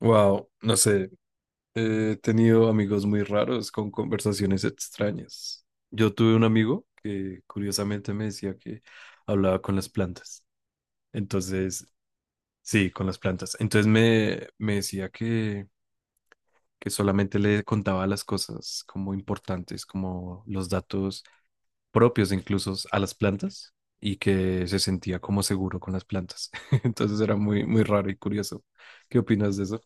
Wow, no sé, he tenido amigos muy raros con conversaciones extrañas. Yo tuve un amigo que curiosamente me decía que hablaba con las plantas. Entonces, sí, con las plantas. Entonces me decía que solamente le contaba las cosas como importantes, como los datos propios incluso a las plantas y que se sentía como seguro con las plantas. Entonces era muy, muy raro y curioso. ¿Qué opinas de eso?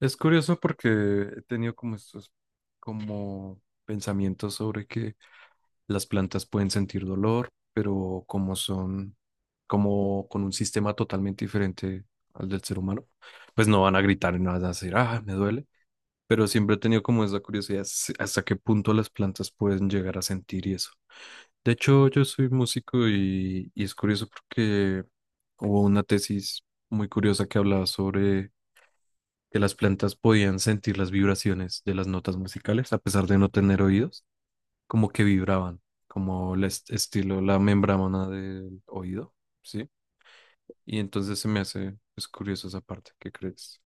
Es curioso porque he tenido como estos como pensamientos sobre que las plantas pueden sentir dolor, pero como son como con un sistema totalmente diferente al del ser humano, pues no van a gritar y no van a decir, ah, me duele. Pero siempre he tenido como esa curiosidad hasta qué punto las plantas pueden llegar a sentir y eso. De hecho, yo soy músico y es curioso porque hubo una tesis muy curiosa que hablaba sobre que las plantas podían sentir las vibraciones de las notas musicales, a pesar de no tener oídos, como que vibraban, como el estilo, la membrana del oído, ¿sí? Y entonces se me hace, es curioso esa parte, ¿qué crees?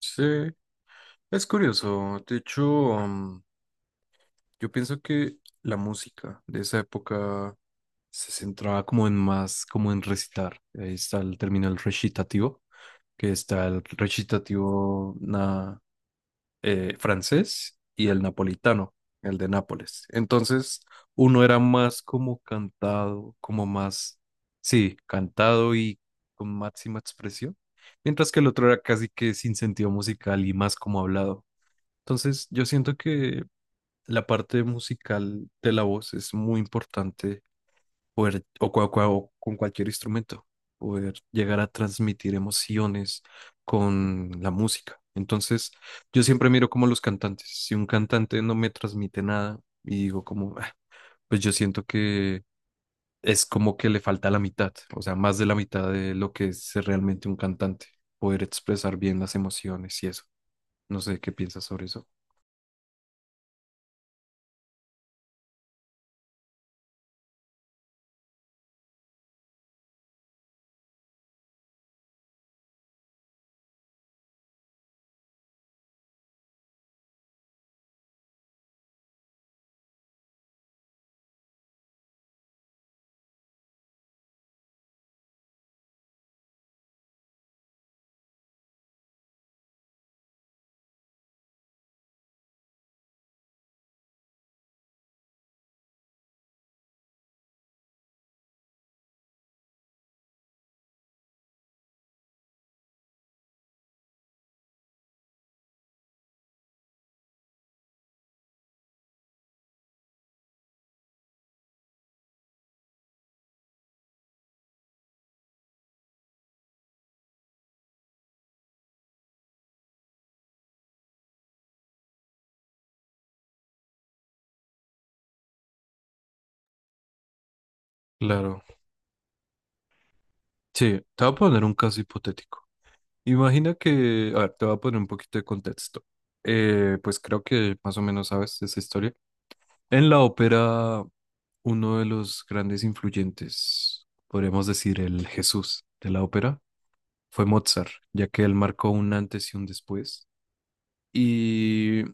Sí, es curioso. De hecho, mm, yo pienso que la música de esa época se centraba como en más, como en recitar. Ahí está el término el recitativo, que está el recitativo francés y el napolitano, el de Nápoles. Entonces, uno era más como cantado, como más, sí, cantado y con máxima expresión, mientras que el otro era casi que sin sentido musical y más como hablado. Entonces, yo siento que la parte musical de la voz es muy importante poder, o, o con cualquier instrumento, poder llegar a transmitir emociones con la música. Entonces, yo siempre miro como los cantantes. Si un cantante no me transmite nada y digo como, "Ah", pues yo siento que es como que le falta la mitad, o sea, más de la mitad de lo que es ser realmente un cantante, poder expresar bien las emociones y eso. No sé qué piensas sobre eso. Claro. Sí, te voy a poner un caso hipotético. Imagina que, a ver, te voy a poner un poquito de contexto. Pues creo que más o menos sabes esa historia. En la ópera, uno de los grandes influyentes, podríamos decir el Jesús de la ópera, fue Mozart, ya que él marcó un antes y un después. Y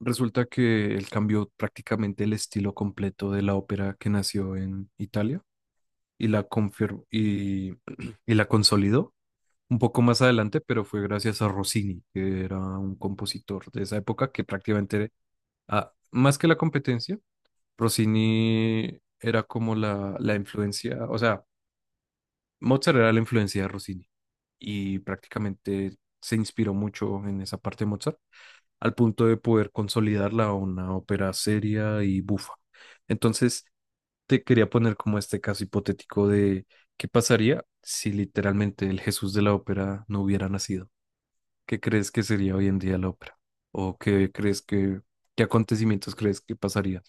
resulta que él cambió prácticamente el estilo completo de la ópera que nació en Italia y la confirmó y, y la consolidó un poco más adelante, pero fue gracias a Rossini, que era un compositor de esa época que prácticamente, ah, más que la competencia, Rossini era como la influencia, o sea, Mozart era la influencia de Rossini y prácticamente se inspiró mucho en esa parte de Mozart, al punto de poder consolidarla a una ópera seria y bufa. Entonces, te quería poner como este caso hipotético de qué pasaría si literalmente el Jesús de la ópera no hubiera nacido. ¿Qué crees que sería hoy en día la ópera? ¿O qué crees que, qué acontecimientos crees que pasaría?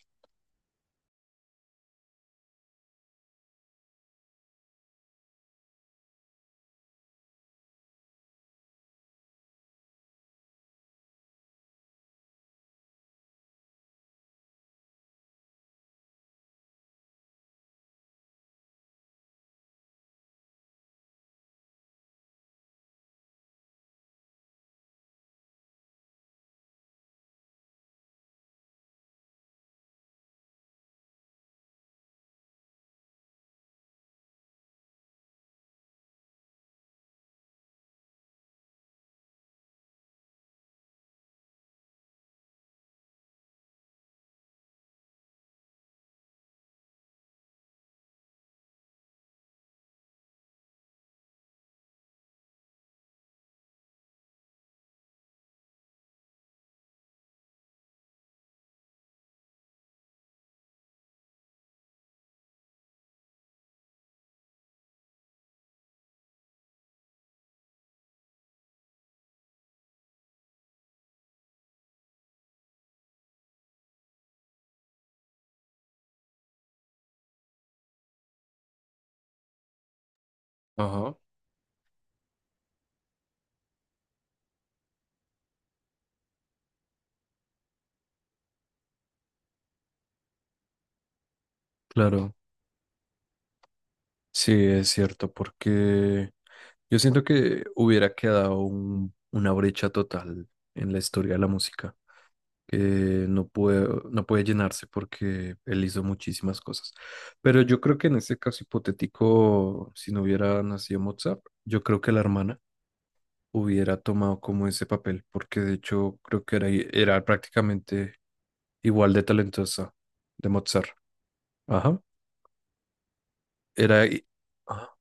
Ajá. Claro, sí, es cierto, porque yo siento que hubiera quedado una brecha total en la historia de la música, que no puede llenarse porque él hizo muchísimas cosas. Pero yo creo que en ese caso hipotético, si no hubiera nacido Mozart, yo creo que la hermana hubiera tomado como ese papel, porque de hecho creo que era prácticamente igual de talentosa de Mozart. Ajá. Era, ajá.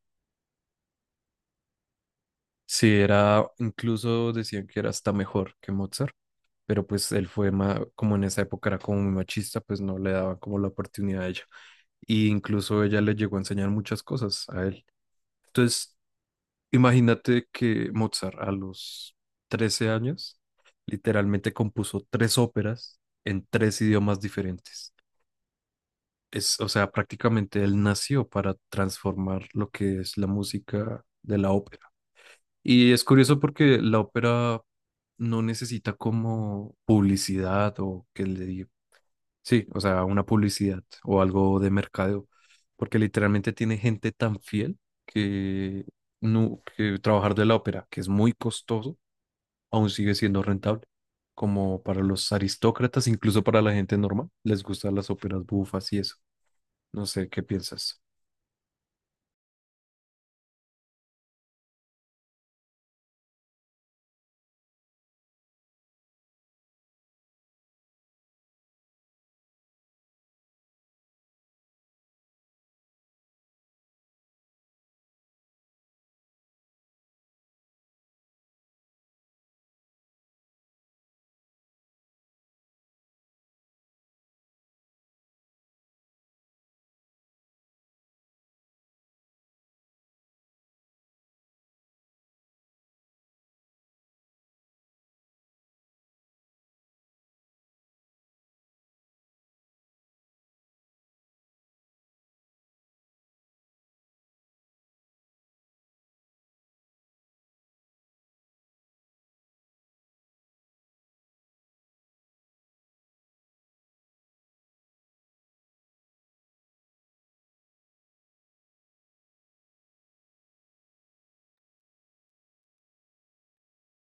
Sí, era, incluso decían que era hasta mejor que Mozart, pero pues él fue como en esa época era como muy machista, pues no le daban como la oportunidad a ella. Y incluso ella le llegó a enseñar muchas cosas a él. Entonces, imagínate que Mozart a los 13 años literalmente compuso 3 óperas en 3 idiomas diferentes. Es, o sea, prácticamente él nació para transformar lo que es la música de la ópera. Y es curioso porque la ópera no necesita como publicidad o que le diga, sí, o sea, una publicidad o algo de mercadeo, porque literalmente tiene gente tan fiel que, no, que trabajar de la ópera, que es muy costoso, aún sigue siendo rentable. Como para los aristócratas, incluso para la gente normal, les gustan las óperas bufas y eso. No sé, ¿qué piensas?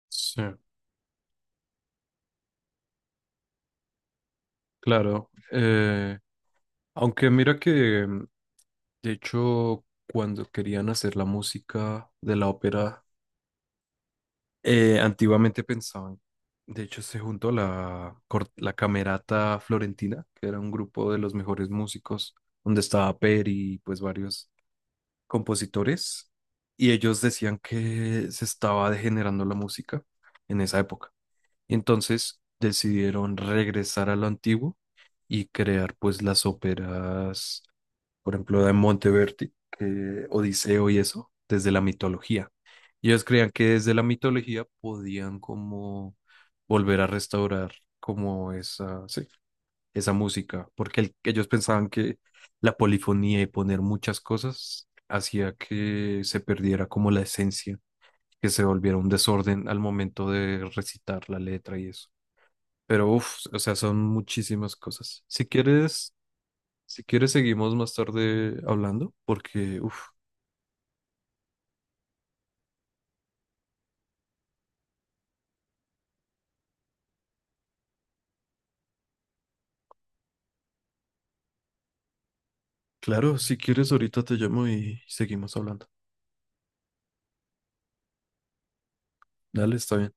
Sí, claro. Aunque mira que, de hecho, cuando querían hacer la música de la ópera, antiguamente pensaban, de hecho, se juntó la, la Camerata Florentina, que era un grupo de los mejores músicos, donde estaba Peri y pues varios compositores, y ellos decían que se estaba degenerando la música en esa época. Y entonces decidieron regresar a lo antiguo y crear pues las óperas, por ejemplo, de Monteverdi, que- Odiseo y eso, desde la mitología. Y ellos creían que desde la mitología podían como volver a restaurar como esa, sí, esa música, porque ellos pensaban que la polifonía y poner muchas cosas hacía que se perdiera como la esencia, que se volviera un desorden al momento de recitar la letra y eso. Pero uff, o sea, son muchísimas cosas. Si quieres, si quieres seguimos más tarde hablando, porque uff, claro, si quieres ahorita te llamo y seguimos hablando. Dale, está bien.